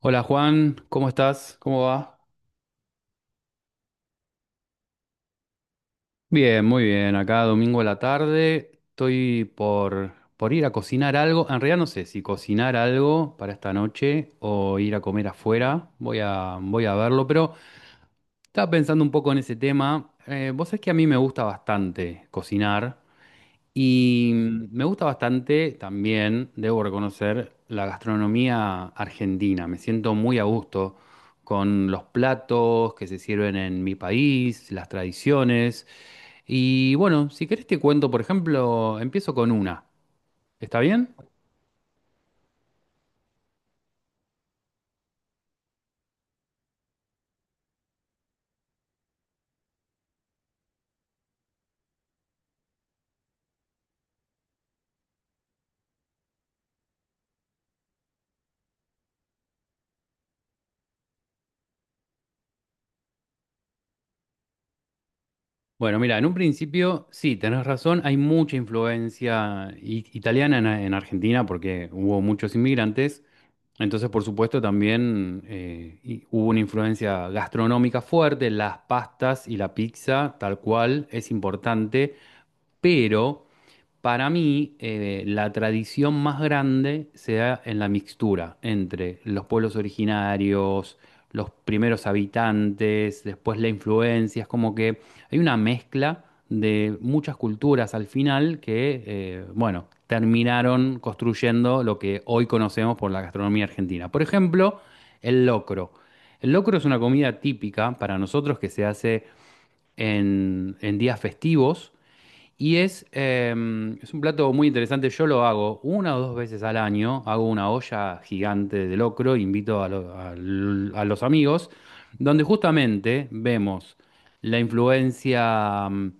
Hola Juan, ¿cómo estás? ¿Cómo va? Bien, muy bien. Acá domingo a la tarde estoy por ir a cocinar algo. En realidad no sé si cocinar algo para esta noche o ir a comer afuera. Voy a verlo, pero estaba pensando un poco en ese tema. Vos sabés que a mí me gusta bastante cocinar. Y me gusta bastante también, debo reconocer, la gastronomía argentina. Me siento muy a gusto con los platos que se sirven en mi país, las tradiciones. Y bueno, si querés te cuento, por ejemplo, empiezo con una. ¿Está bien? Bueno, mira, en un principio, sí, tenés razón, hay mucha influencia italiana en Argentina porque hubo muchos inmigrantes. Entonces, por supuesto, también hubo una influencia gastronómica fuerte, las pastas y la pizza, tal cual, es importante, pero para mí, la tradición más grande se da en la mixtura entre los pueblos originarios, los primeros habitantes, después la influencia. Es como que hay una mezcla de muchas culturas al final que, bueno, terminaron construyendo lo que hoy conocemos por la gastronomía argentina. Por ejemplo, el locro. El locro es una comida típica para nosotros que se hace en días festivos y es un plato muy interesante. Yo lo hago una o dos veces al año. Hago una olla gigante de locro, invito a, lo- a l- a los amigos, donde justamente vemos la influencia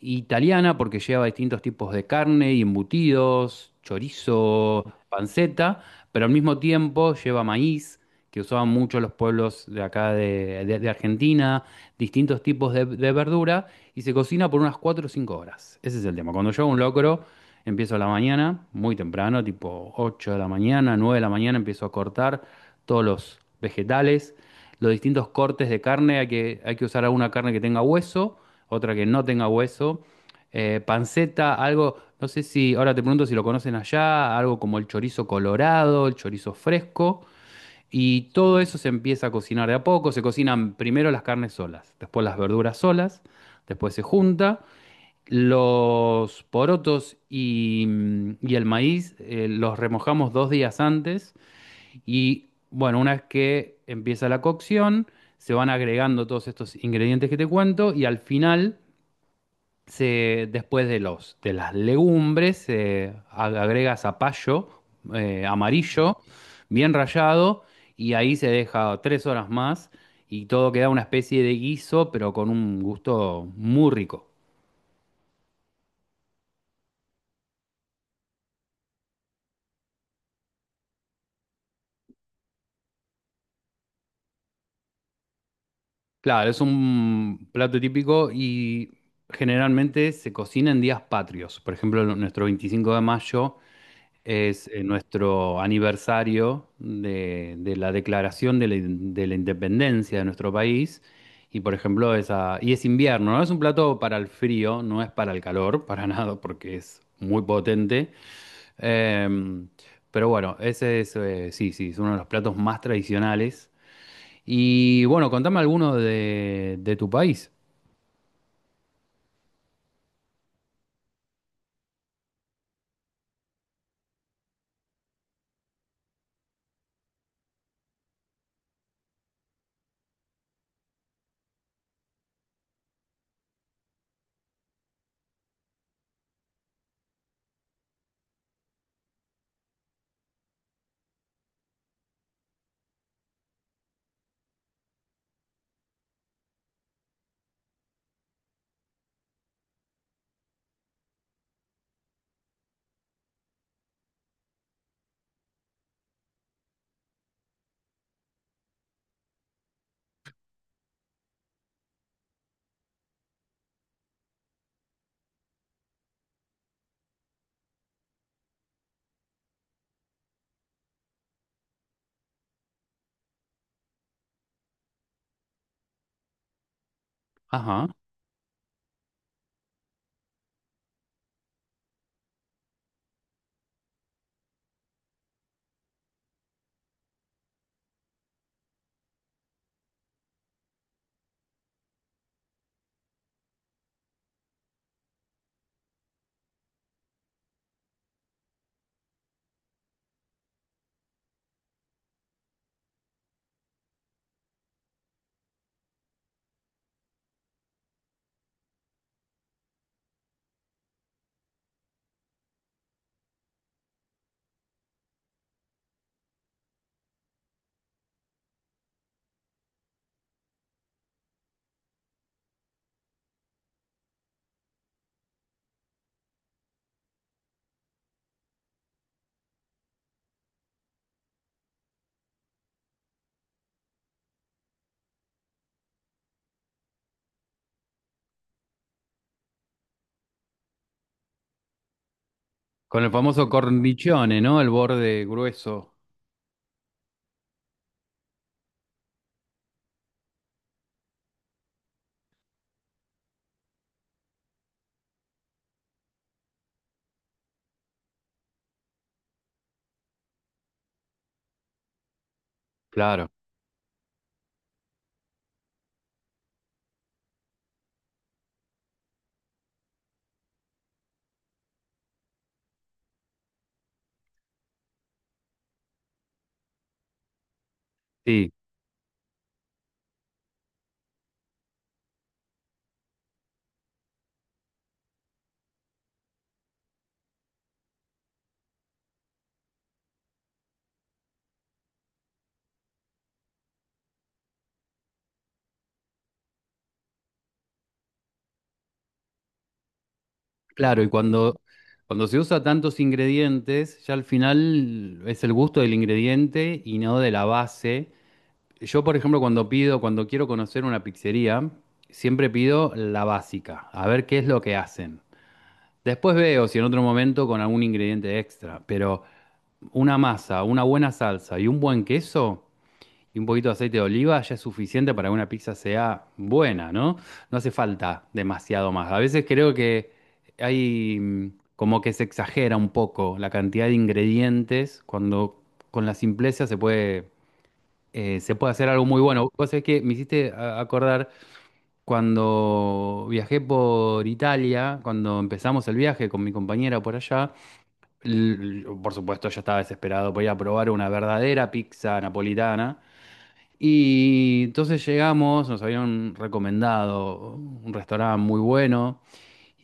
italiana porque lleva distintos tipos de carne y embutidos, chorizo, panceta, pero al mismo tiempo lleva maíz, que usaban mucho los pueblos de acá de Argentina, distintos tipos de verdura, y se cocina por unas 4 o 5 horas. Ese es el tema. Cuando yo hago un locro, empiezo a la mañana, muy temprano, tipo 8 de la mañana, 9 de la mañana, empiezo a cortar todos los vegetales, los distintos cortes de carne, hay que usar alguna carne que tenga hueso, otra que no tenga hueso. Panceta, algo, no sé si, ahora te pregunto si lo conocen allá, algo como el chorizo colorado, el chorizo fresco, y todo eso se empieza a cocinar de a poco. Se cocinan primero las carnes solas, después las verduras solas, después se junta. Los porotos y el maíz los remojamos 2 días antes y bueno, una vez que empieza la cocción, se van agregando todos estos ingredientes que te cuento y al final se, después de los, de las legumbres, se agrega zapallo amarillo, bien rallado, y ahí se deja 3 horas más y todo queda una especie de guiso, pero con un gusto muy rico. Claro, es un plato típico y generalmente se cocina en días patrios. Por ejemplo, nuestro 25 de mayo. Es nuestro aniversario de la declaración de la independencia de nuestro país. Y por ejemplo, esa, y es invierno, ¿no? Es un plato para el frío, no es para el calor, para nada, porque es muy potente. Em, pero bueno, ese es, sí, sí, es uno de los platos más tradicionales. Y bueno, contame alguno de tu país. Ajá. Con el famoso cornichone, ¿no? El borde grueso. Claro. Sí. Claro, y cuando se usa tantos ingredientes, ya al final es el gusto del ingrediente y no de la base. Yo, por ejemplo, cuando quiero conocer una pizzería, siempre pido la básica, a ver qué es lo que hacen. Después veo si en otro momento con algún ingrediente extra, pero una masa, una buena salsa y un buen queso y un poquito de aceite de oliva ya es suficiente para que una pizza sea buena, ¿no? No hace falta demasiado más. A veces creo que hay como que se exagera un poco la cantidad de ingredientes cuando con la simpleza se puede hacer algo muy bueno. Vos sabés que me hiciste acordar cuando viajé por Italia, cuando empezamos el viaje con mi compañera por allá, l- por supuesto yo estaba desesperado por ir a probar una verdadera pizza napolitana. Y entonces llegamos, nos habían recomendado un restaurante muy bueno.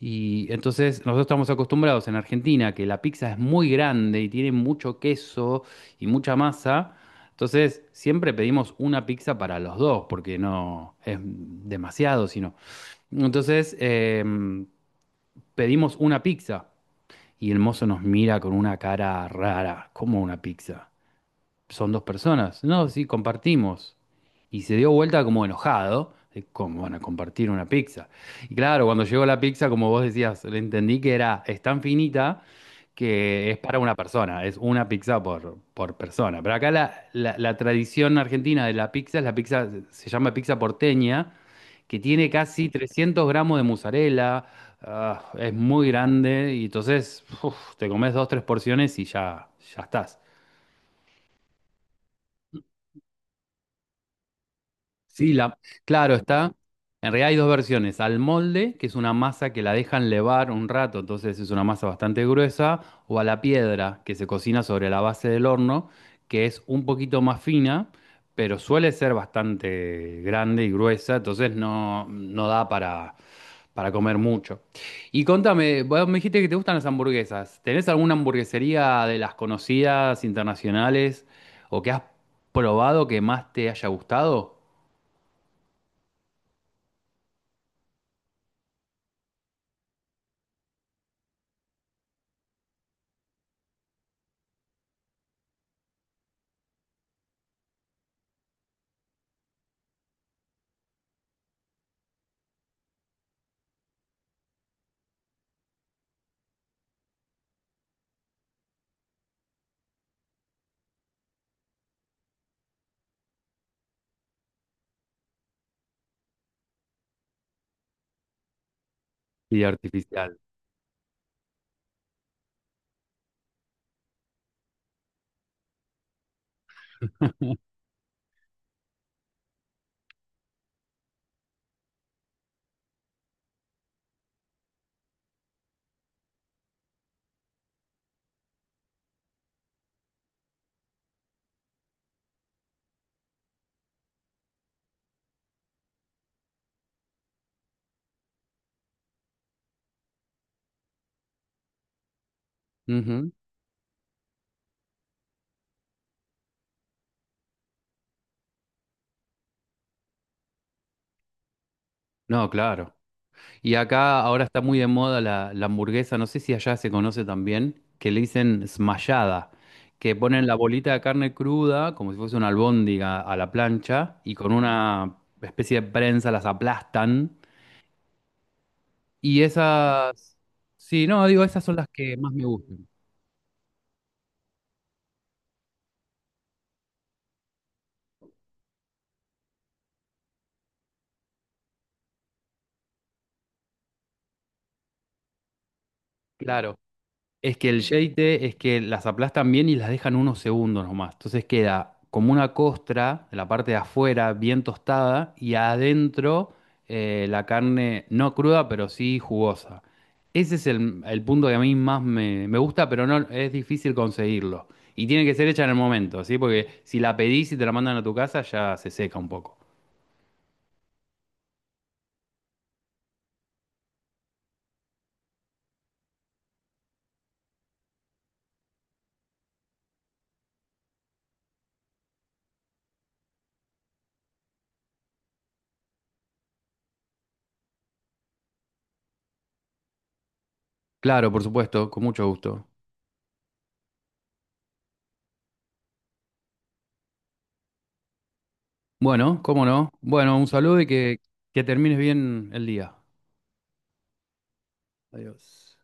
Y entonces nosotros estamos acostumbrados en Argentina que la pizza es muy grande y tiene mucho queso y mucha masa. Entonces siempre pedimos una pizza para los dos porque no es demasiado, sino. Entonces pedimos una pizza y el mozo nos mira con una cara rara, como una pizza son dos personas. No, sí, compartimos. Y se dio vuelta como enojado, de cómo van a compartir una pizza. Y claro, cuando llegó la pizza, como vos decías, le entendí que era, es tan finita que es para una persona, es una pizza por persona. Pero acá la tradición argentina de la pizza es la pizza, se llama pizza porteña, que tiene casi 300 gramos de mozzarella, ah, es muy grande y entonces uf, te comes dos, tres porciones y ya, ya estás. Sí, claro, está. En realidad hay dos versiones. Al molde, que es una masa que la dejan levar un rato, entonces es una masa bastante gruesa, o a la piedra, que se cocina sobre la base del horno, que es un poquito más fina, pero suele ser bastante grande y gruesa, entonces no, no da para comer mucho. Y contame, vos me dijiste que te gustan las hamburguesas. ¿Tenés alguna hamburguesería de las conocidas internacionales o que has probado que más te haya gustado? Y artificial. Ujú. No, claro. Y acá ahora está muy de moda la hamburguesa, no sé si allá se conoce también, que le dicen smashada, que ponen la bolita de carne cruda, como si fuese una albóndiga a la plancha, y con una especie de prensa las aplastan. Y esas, sí, no, digo, esas son las que más me gustan. Claro. Es que el yeite es que las aplastan bien y las dejan unos segundos nomás. Entonces queda como una costra de la parte de afuera bien tostada y adentro la carne no cruda, pero sí jugosa. Ese es el punto que a mí más me gusta, pero no es difícil conseguirlo. Y tiene que ser hecha en el momento, ¿sí? Porque si la pedís y te la mandan a tu casa, ya se seca un poco. Claro, por supuesto, con mucho gusto. Bueno, cómo no. Bueno, un saludo y que termines bien el día. Adiós.